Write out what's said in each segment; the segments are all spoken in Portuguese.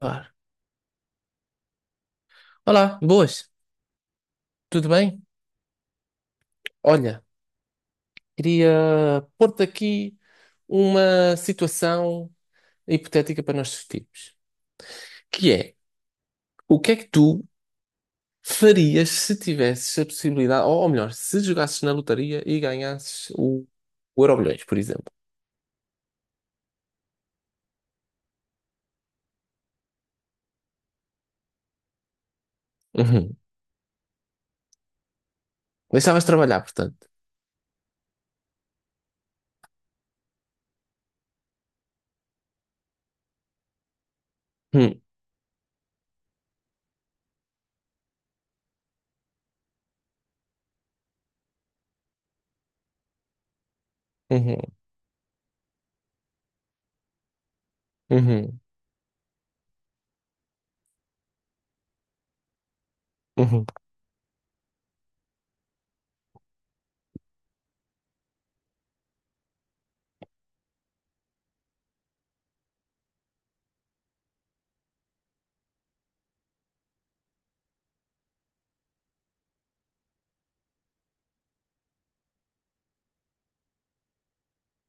Claro. Olá, boas, tudo bem? Olha, queria pôr-te aqui uma situação hipotética para nós discutirmos, que é, o que é que tu farias se tivesses a possibilidade, ou melhor, se jogasses na lotaria e ganhasses o Euromilhões, por exemplo? Uhum. Deixavas de trabalhar, portanto. Uhum. Uhum. Uhum. Uhum.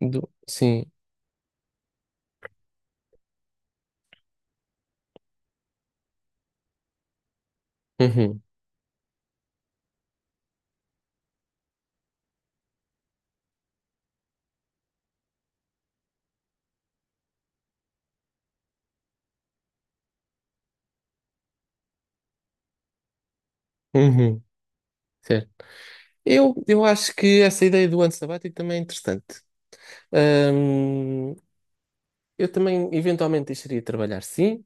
Sim. Uhum. Uhum. Certo. Eu acho que essa ideia do ano sabático também é interessante. Eu também eventualmente deixaria de trabalhar, sim.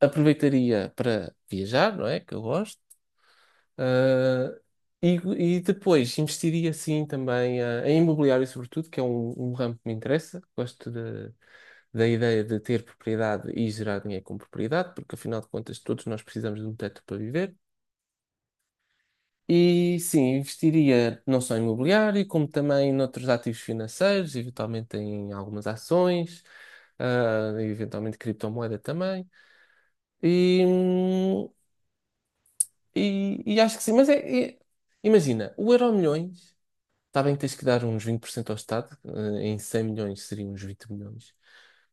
Ah, aproveitaria para viajar, não é? Que eu gosto. Ah, e, e depois investiria, sim, também em imobiliário, sobretudo, que é um ramo que me interessa. Da ideia de ter propriedade e gerar dinheiro com propriedade, porque afinal de contas todos nós precisamos de um teto para viver. E sim, investiria não só em imobiliário, como também noutros ativos financeiros, eventualmente em algumas ações, e eventualmente criptomoeda também. E, hum, e acho que sim, é- imagina, o Euromilhões, está bem que tens que dar uns 20% ao Estado, em 100 milhões seriam uns 20 milhões,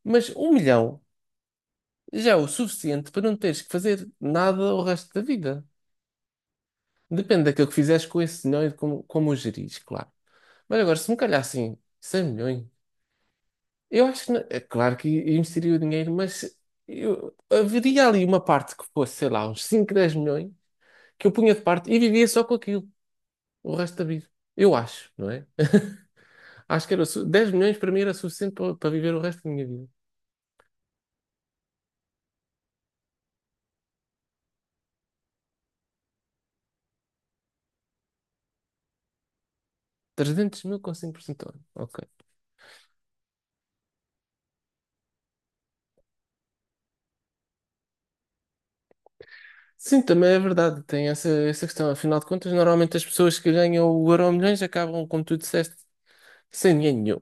mas um milhão já é o suficiente para não teres que fazer nada o resto da vida. Depende daquilo que fizeres com esse dinheiro e de como o gerires, claro. Mas agora, se me calhar assim, 100 milhões, eu acho que, é claro que investiria o dinheiro, mas eu, haveria ali uma parte que fosse, sei lá, uns 5 10 milhões, que eu punha de parte e vivia só com aquilo o resto da vida. Eu acho, não é? Acho que era, 10 milhões para mim era suficiente para viver o resto da minha vida. 300 mil com 5% ao ano. Ok. Sim, também é verdade, tem essa questão. Afinal de contas, normalmente as pessoas que ganham o Euro milhões acabam, como tu disseste, sem dinheiro nenhum.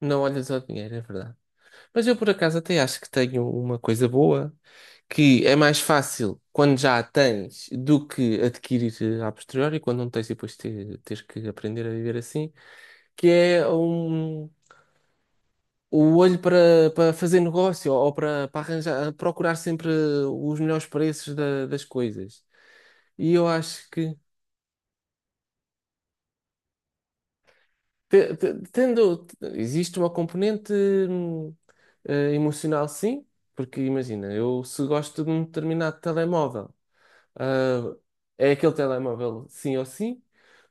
Não olhas ao dinheiro, é verdade. Mas eu por acaso até acho que tenho uma coisa boa, que é mais fácil quando já a tens do que adquirir a posteriori, quando não tens e depois teres que aprender a viver assim, que é um, o olho para fazer negócio ou para arranjar, procurar sempre os melhores preços das coisas. E eu acho que tendo, existe uma componente hum, emocional, sim, porque imagina, eu se gosto de um determinado telemóvel. ah, É aquele telemóvel sim ou sim,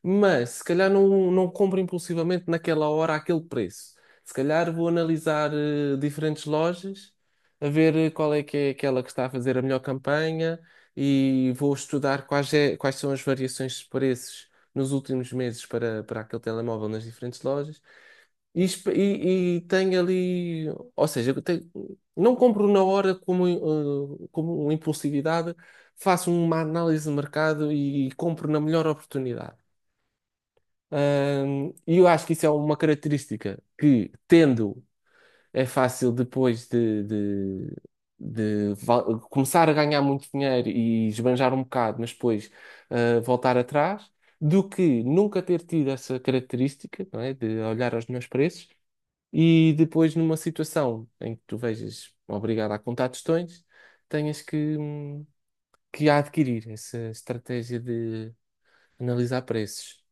mas se calhar não compro impulsivamente naquela hora aquele preço. Se calhar vou analisar diferentes lojas, a ver qual é que é aquela que está a fazer a melhor campanha e vou estudar quais são as variações de preços nos últimos meses para aquele telemóvel nas diferentes lojas. E tenho ali, ou seja, não compro na hora como, como impulsividade, faço uma análise de mercado e compro na melhor oportunidade. E eu acho que isso é uma característica que, tendo, é fácil depois de começar a ganhar muito dinheiro e esbanjar um bocado, mas depois voltar atrás, do que nunca ter tido essa característica, não é, de olhar aos meus preços e depois, numa situação em que tu vejas obrigado a contar tostões, tenhas que que adquirir essa estratégia de analisar preços.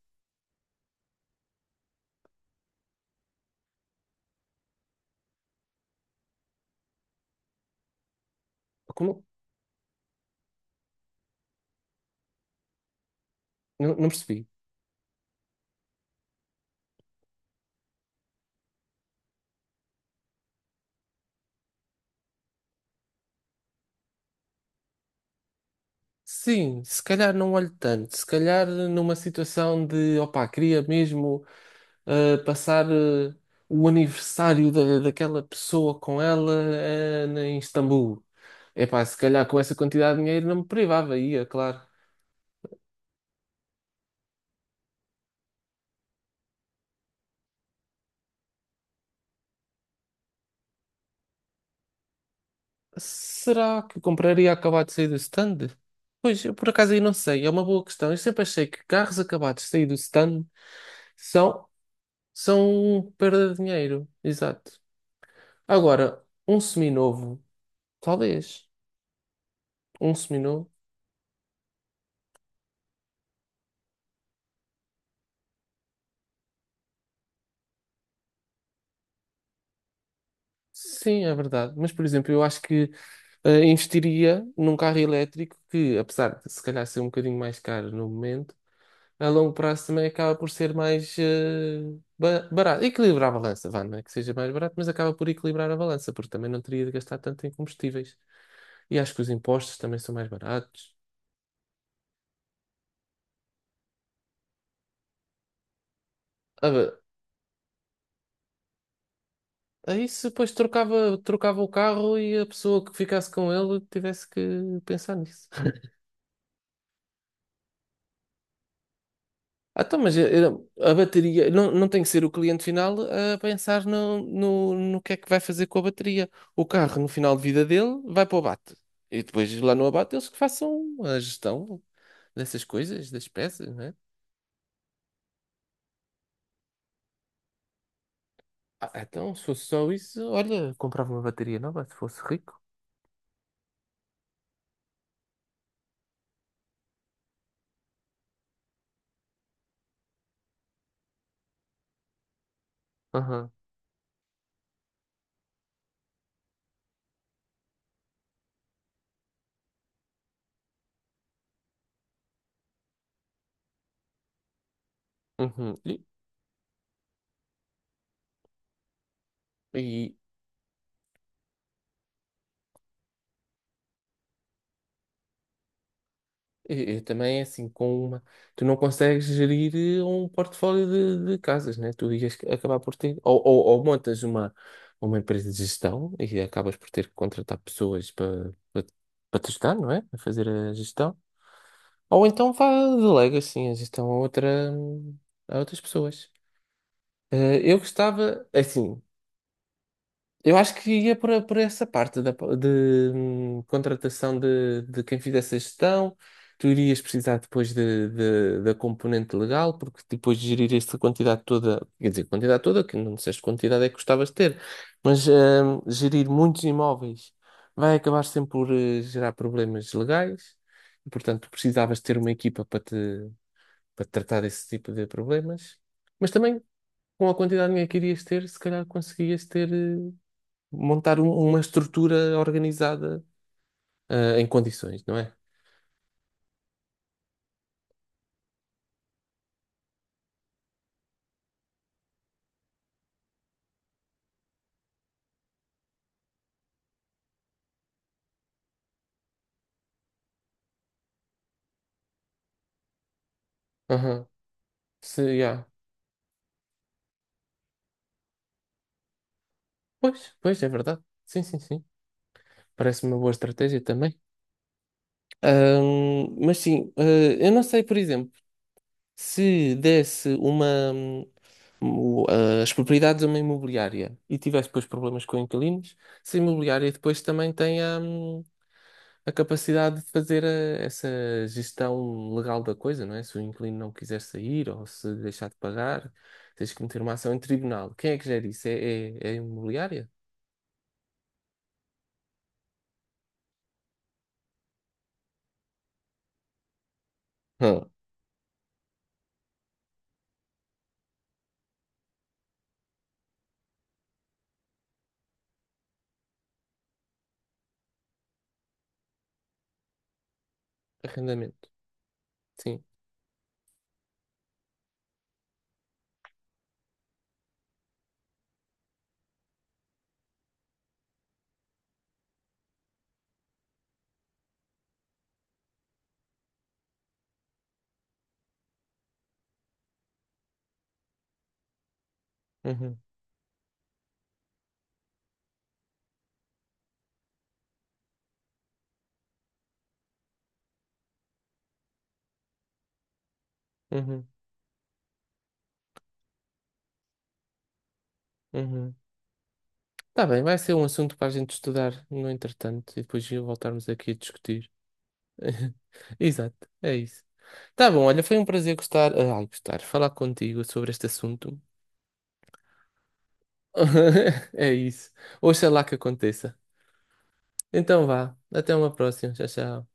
Como? Não percebi. Sim, se calhar não olho tanto. Se calhar numa situação de, opá, queria mesmo passar o aniversário daquela pessoa com ela em Istambul. Epá, se calhar com essa quantidade de dinheiro não me privava, ia, claro. Será que compraria acabado de sair do stand? Pois, eu por acaso aí não sei, é uma boa questão. Eu sempre achei que carros acabados de sair do stand são, são perda de dinheiro. Exato. Agora, um seminovo, talvez. Um seminovo, sim, é verdade. Mas, por exemplo, eu acho que investiria num carro elétrico que, apesar de se calhar ser um bocadinho mais caro no momento, a longo prazo também acaba por ser mais barato. Equilibrar a balança, vá, não é que seja mais barato, mas acaba por equilibrar a balança, porque também não teria de gastar tanto em combustíveis. E acho que os impostos também são mais baratos. Ah, bem, aí se depois trocava, trocava o carro e a pessoa que ficasse com ele tivesse que pensar nisso. Ah, então, mas a bateria não tem que ser o cliente final a pensar no que é que vai fazer com a bateria. O carro, no final de vida dele, vai para o abate. E depois lá no abate eles que façam a gestão dessas coisas, das peças, né? Ah, então, se fosse só isso, olha, comprava uma bateria nova se fosse rico. Aham, uhum. E e, também é assim, com uma, tu não consegues gerir um portfólio de casas, né? Tu ias acabar por ter, ou montas uma empresa de gestão e acabas por ter que contratar pessoas para te ajudar, não é? A fazer a gestão. Ou então vá, delega assim a gestão a outra, a outras pessoas. Eu gostava, assim. Eu acho que ia por essa parte de contratação de quem fizesse a gestão. Tu irias precisar depois da componente legal, porque depois de gerir essa quantidade toda, quer dizer, quantidade toda, que não disseste quantidade é que gostavas de ter, mas gerir muitos imóveis vai acabar sempre por gerar problemas legais, e portanto precisavas ter uma equipa para tratar desse tipo de problemas, mas também com a quantidade de dinheiro que irias ter, se calhar conseguias ter. Montar uma estrutura organizada, em condições, não é? Aham, se, yeah. Pois, pois, é verdade. Sim, sim, sim. Parece uma boa estratégia também. Mas sim, eu não sei, por exemplo, se desse uma, hum, as propriedades a uma imobiliária e tivesse depois problemas com inquilinos, se a imobiliária depois também tem a capacidade de fazer essa gestão legal da coisa, não é? Se o inquilino não quiser sair ou se deixar de pagar, tens que meter uma ação em tribunal. Quem é que gera isso? É a imobiliária? Hã. Arrendamento. Sim. Uhum, uhum, uhum. Tá bem, vai ser um assunto para a gente estudar no entretanto e depois voltarmos aqui a discutir. Exato, é isso. Tá bom, olha, foi um prazer gostar, falar contigo sobre este assunto. É isso. Oxalá que aconteça. Então vá. Até uma próxima. Tchau, tchau.